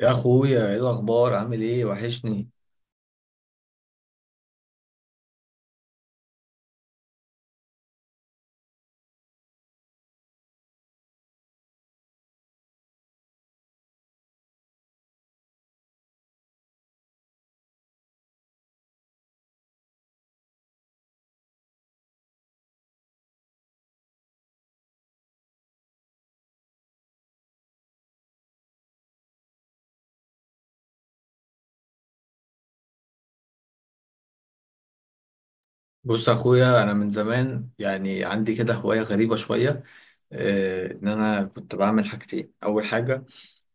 يا اخويا، ايه الاخبار؟ عامل ايه؟ وحشني. بص يا اخويا، انا من زمان عندي كده هوايه غريبه شويه. آه، ان انا كنت بعمل حاجتين. اول حاجه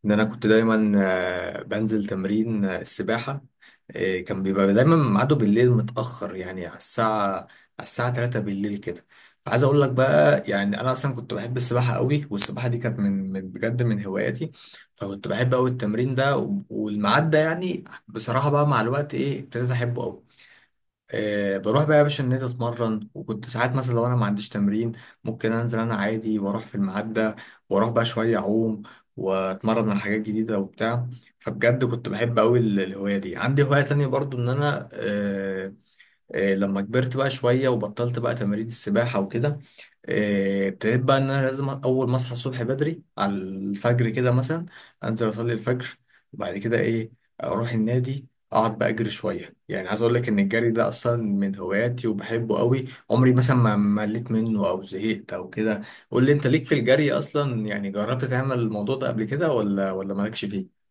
ان انا كنت دايما بنزل تمرين السباحه. كان بيبقى دايما ميعاده بالليل متاخر، يعني على الساعه على الساعه 3 بالليل كده. فعايز اقول لك بقى، يعني انا اصلا كنت بحب السباحه قوي، والسباحه دي كانت بجد من هواياتي. فكنت بحب قوي التمرين ده والميعاد ده. يعني بصراحه بقى، مع الوقت ايه، ابتديت احبه قوي. بروح بقى يا باشا النادي اتمرن. وكنت ساعات مثلا لو انا ما عنديش تمرين، ممكن انزل انا عادي واروح في المعدة، واروح بقى شوية اعوم، واتمرن على حاجات جديدة وبتاع. فبجد كنت بحب قوي الهواية دي. عندي هواية تانية برضو ان انا لما كبرت بقى شوية وبطلت بقى تمارين السباحة وكده، ابتديت بقى إن أنا لازم أول ما أصحى الصبح بدري على الفجر كده مثلا، أنزل أصلي الفجر، وبعد كده إيه، أروح النادي، أقعد بقى أجري شوية. يعني عايز أقول لك إن الجري ده أصلا من هواياتي وبحبه قوي. عمري مثلا ما مليت منه أو زهقت أو كده. قول لي أنت، ليك في الجري أصلا؟ يعني جربت تعمل الموضوع ده قبل كده، ولا مالكش فيه؟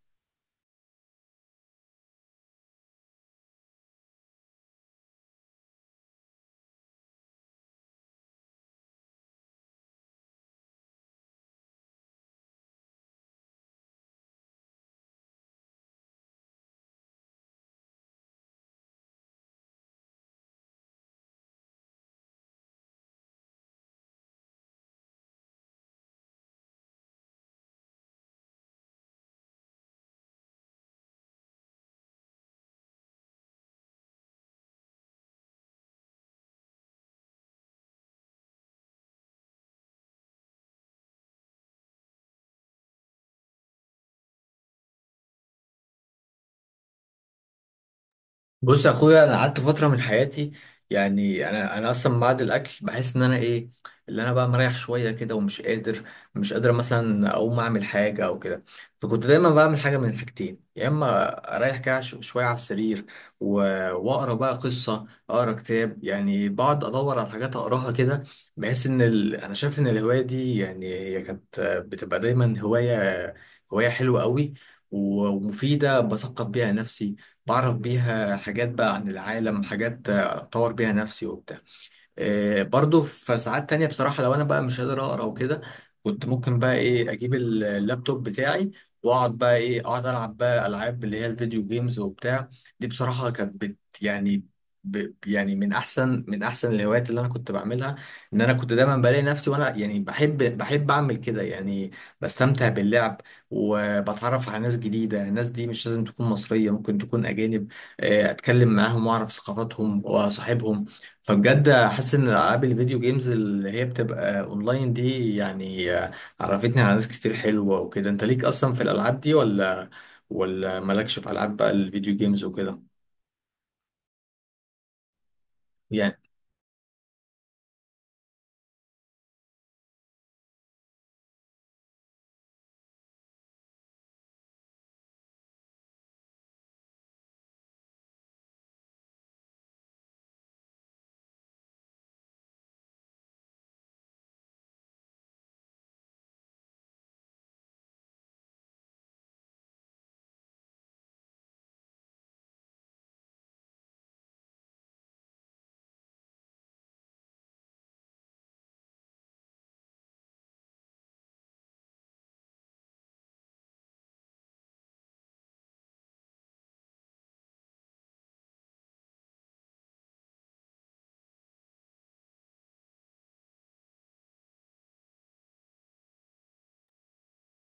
بص يا اخويا، انا قعدت فتره من حياتي، يعني انا اصلا بعد الاكل بحس ان انا ايه، اللي انا بقى مريح شويه كده ومش قادر، مش قادر مثلا اقوم اعمل حاجه او كده. فكنت دايما بعمل حاجه من الحاجتين: يا اما اريح كده شويه على السرير و- واقرا بقى قصه، اقرا كتاب، يعني بقعد ادور على حاجات اقراها كده. بحس ان انا شايف ان الهوايه دي، يعني هي كانت بتبقى دايما هوايه حلوه قوي ومفيده، بثقف بيها نفسي، بعرف بيها حاجات بقى عن العالم، حاجات أطور بيها نفسي وبتاع. برضو في ساعات تانية بصراحة، لو أنا بقى مش قادر أقرأ وكده، كنت ممكن بقى إيه، أجيب اللابتوب بتاعي، وأقعد بقى إيه، أقعد ألعب بقى ألعاب اللي هي الفيديو جيمز وبتاع. دي بصراحة كانت بت يعني ب يعني من أحسن، من أحسن الهوايات اللي أنا كنت بعملها. إن أنا كنت دايما بلاقي نفسي وأنا يعني بحب أعمل كده، يعني بستمتع باللعب، وبتعرف على ناس جديدة. الناس دي مش لازم تكون مصرية، ممكن تكون أجانب. أتكلم معاهم وأعرف ثقافاتهم وأصاحبهم. فبجد حاسس ان العاب الفيديو جيمز اللي هي بتبقى اونلاين دي، يعني عرفتني على ناس كتير حلوة وكده. انت ليك اصلا في الالعاب دي، ولا مالكش في العاب بقى الفيديو جيمز وكده؟ يعني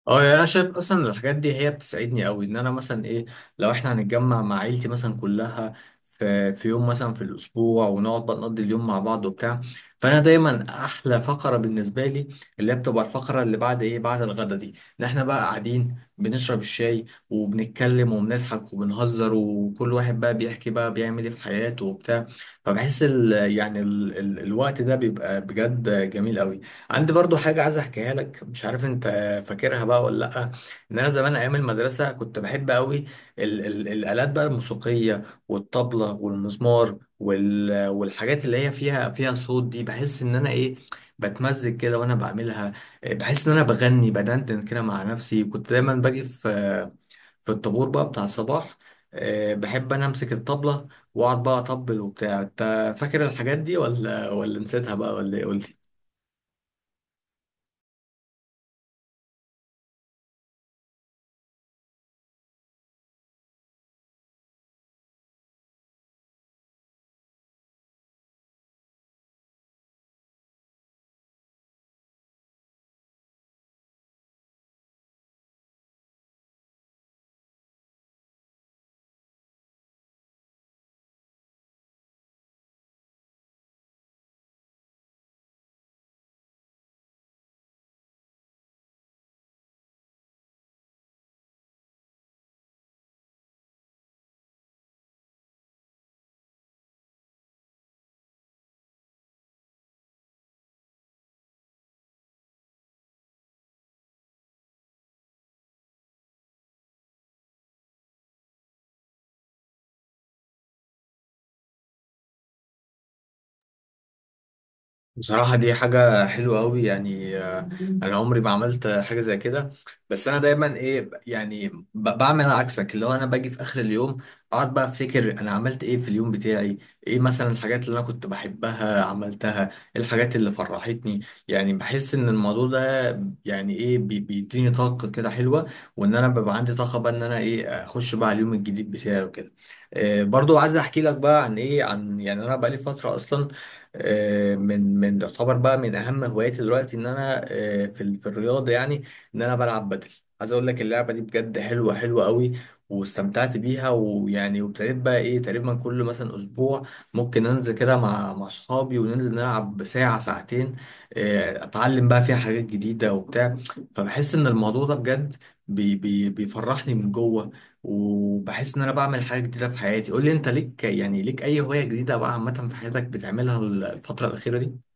اه، يعني انا شايف اصلا الحاجات دي هي بتساعدني قوي. ان انا مثلا ايه، لو احنا هنتجمع مع عيلتي مثلا كلها في يوم مثلا في الاسبوع، ونقعد بقى نقضي اليوم مع بعض وبتاع. فانا دايما احلى فقره بالنسبه لي اللي هي بتبقى الفقره اللي بعد ايه، بعد الغدا دي، ان احنا بقى قاعدين بنشرب الشاي وبنتكلم وبنضحك وبنهزر، وكل واحد بقى بيحكي بقى بيعمل ايه في حياته وبتاع. فبحس ال يعني ال ال الوقت ده بيبقى بجد جميل قوي. عندي برضو حاجه عايز احكيها لك، مش عارف انت فاكرها بقى ولا لا. ان انا زمان ايام المدرسه كنت بحب قوي ال الالات بقى الموسيقيه، والطبله، والمزمار، والحاجات اللي هي فيها صوت دي. بحس ان انا ايه، بتمزج كده وانا بعملها. بحس ان انا بغني، بدندن كده مع نفسي. كنت دايما باجي في الطابور بقى بتاع الصباح. بحب انا امسك الطبله واقعد بقى اطبل وبتاع. انت فاكر الحاجات دي ولا نسيتها بقى ولا ايه؟ قول لي. بصراحة دي حاجة حلوة أوي. يعني أنا عمري ما عملت حاجة زي كده. بس أنا دايما إيه، بعمل عكسك، اللي هو أنا باجي في آخر اليوم أقعد بقى أفتكر أنا عملت إيه في اليوم بتاعي. إيه مثلا الحاجات اللي أنا كنت بحبها عملتها؟ إيه الحاجات اللي فرحتني؟ يعني بحس إن الموضوع ده يعني إيه، بيديني طاقة كده حلوة، وإن أنا ببقى عندي طاقة بقى إن أنا إيه، أخش بقى على اليوم الجديد بتاعي وكده. برضو عايز أحكي لك بقى عن إيه، عن يعني أنا بقالي فترة أصلا من يعتبر بقى من اهم هواياتي دلوقتي ان انا في الرياضه، يعني ان انا بلعب بدل. عايز اقول لك، اللعبه دي بجد حلوه قوي، واستمتعت بيها. وابتديت بقى ايه، تقريبا كل مثلا اسبوع ممكن انزل كده مع اصحابي وننزل نلعب ساعه ساعتين. اتعلم بقى فيها حاجات جديده وبتاع. فبحس ان الموضوع ده بجد بي بي بيفرحني من جوه، وبحس ان انا بعمل حاجه جديده في حياتي. قول لي انت، ليك يعني ليك اي هوايه جديده بقى عامه في حياتك بتعملها الفتره الاخيره دي؟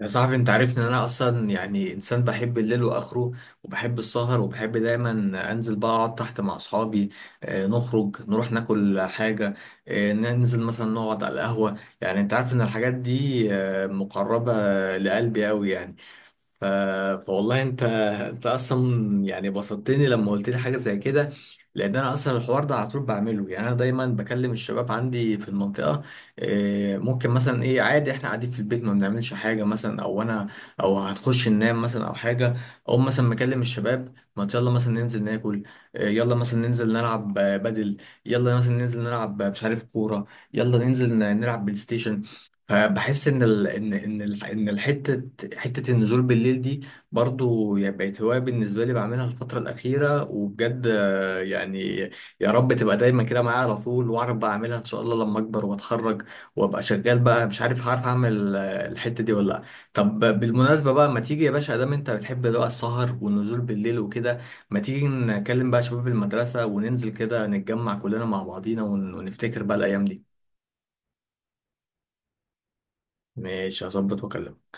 يا صاحبي، انت عارفني ان انا اصلا يعني انسان بحب الليل واخره، وبحب السهر، وبحب دايما انزل بقى اقعد تحت مع اصحابي. نخرج نروح ناكل حاجه، ننزل مثلا نقعد على القهوه. يعني انت عارف ان الحاجات دي مقربه لقلبي قوي. يعني ف... فوالله انت اصلا يعني بسطتني لما قلت لي حاجه زي كده، لان انا اصلا الحوار ده على طول بعمله. يعني انا دايما بكلم الشباب عندي في المنطقه. ممكن مثلا ايه، عادي احنا قاعدين في البيت ما بنعملش حاجه مثلا، او انا او هنخش ننام مثلا او حاجه، او مثلا مكلم الشباب، ما يلا مثلا ننزل ناكل. يلا مثلا ننزل نلعب بدل. يلا مثلا ننزل نلعب مش عارف كوره. يلا ننزل نلعب بلاي ستيشن. فبحس ان ان حته النزول بالليل دي برضو، يعني بقت هوايه بالنسبه لي بعملها الفتره الاخيره. وبجد يعني يا رب تبقى دايما كده معايا على طول، واعرف بقى اعملها ان شاء الله لما اكبر واتخرج وابقى شغال بقى. مش عارف هعرف اعمل الحته دي ولا لا. طب بالمناسبه بقى، ما تيجي يا باشا، دام انت بتحب بقى السهر والنزول بالليل وكده، ما تيجي نكلم بقى شباب المدرسه، وننزل كده نتجمع كلنا مع بعضينا ونفتكر بقى الايام دي. ماشي، هظبط واكلمك.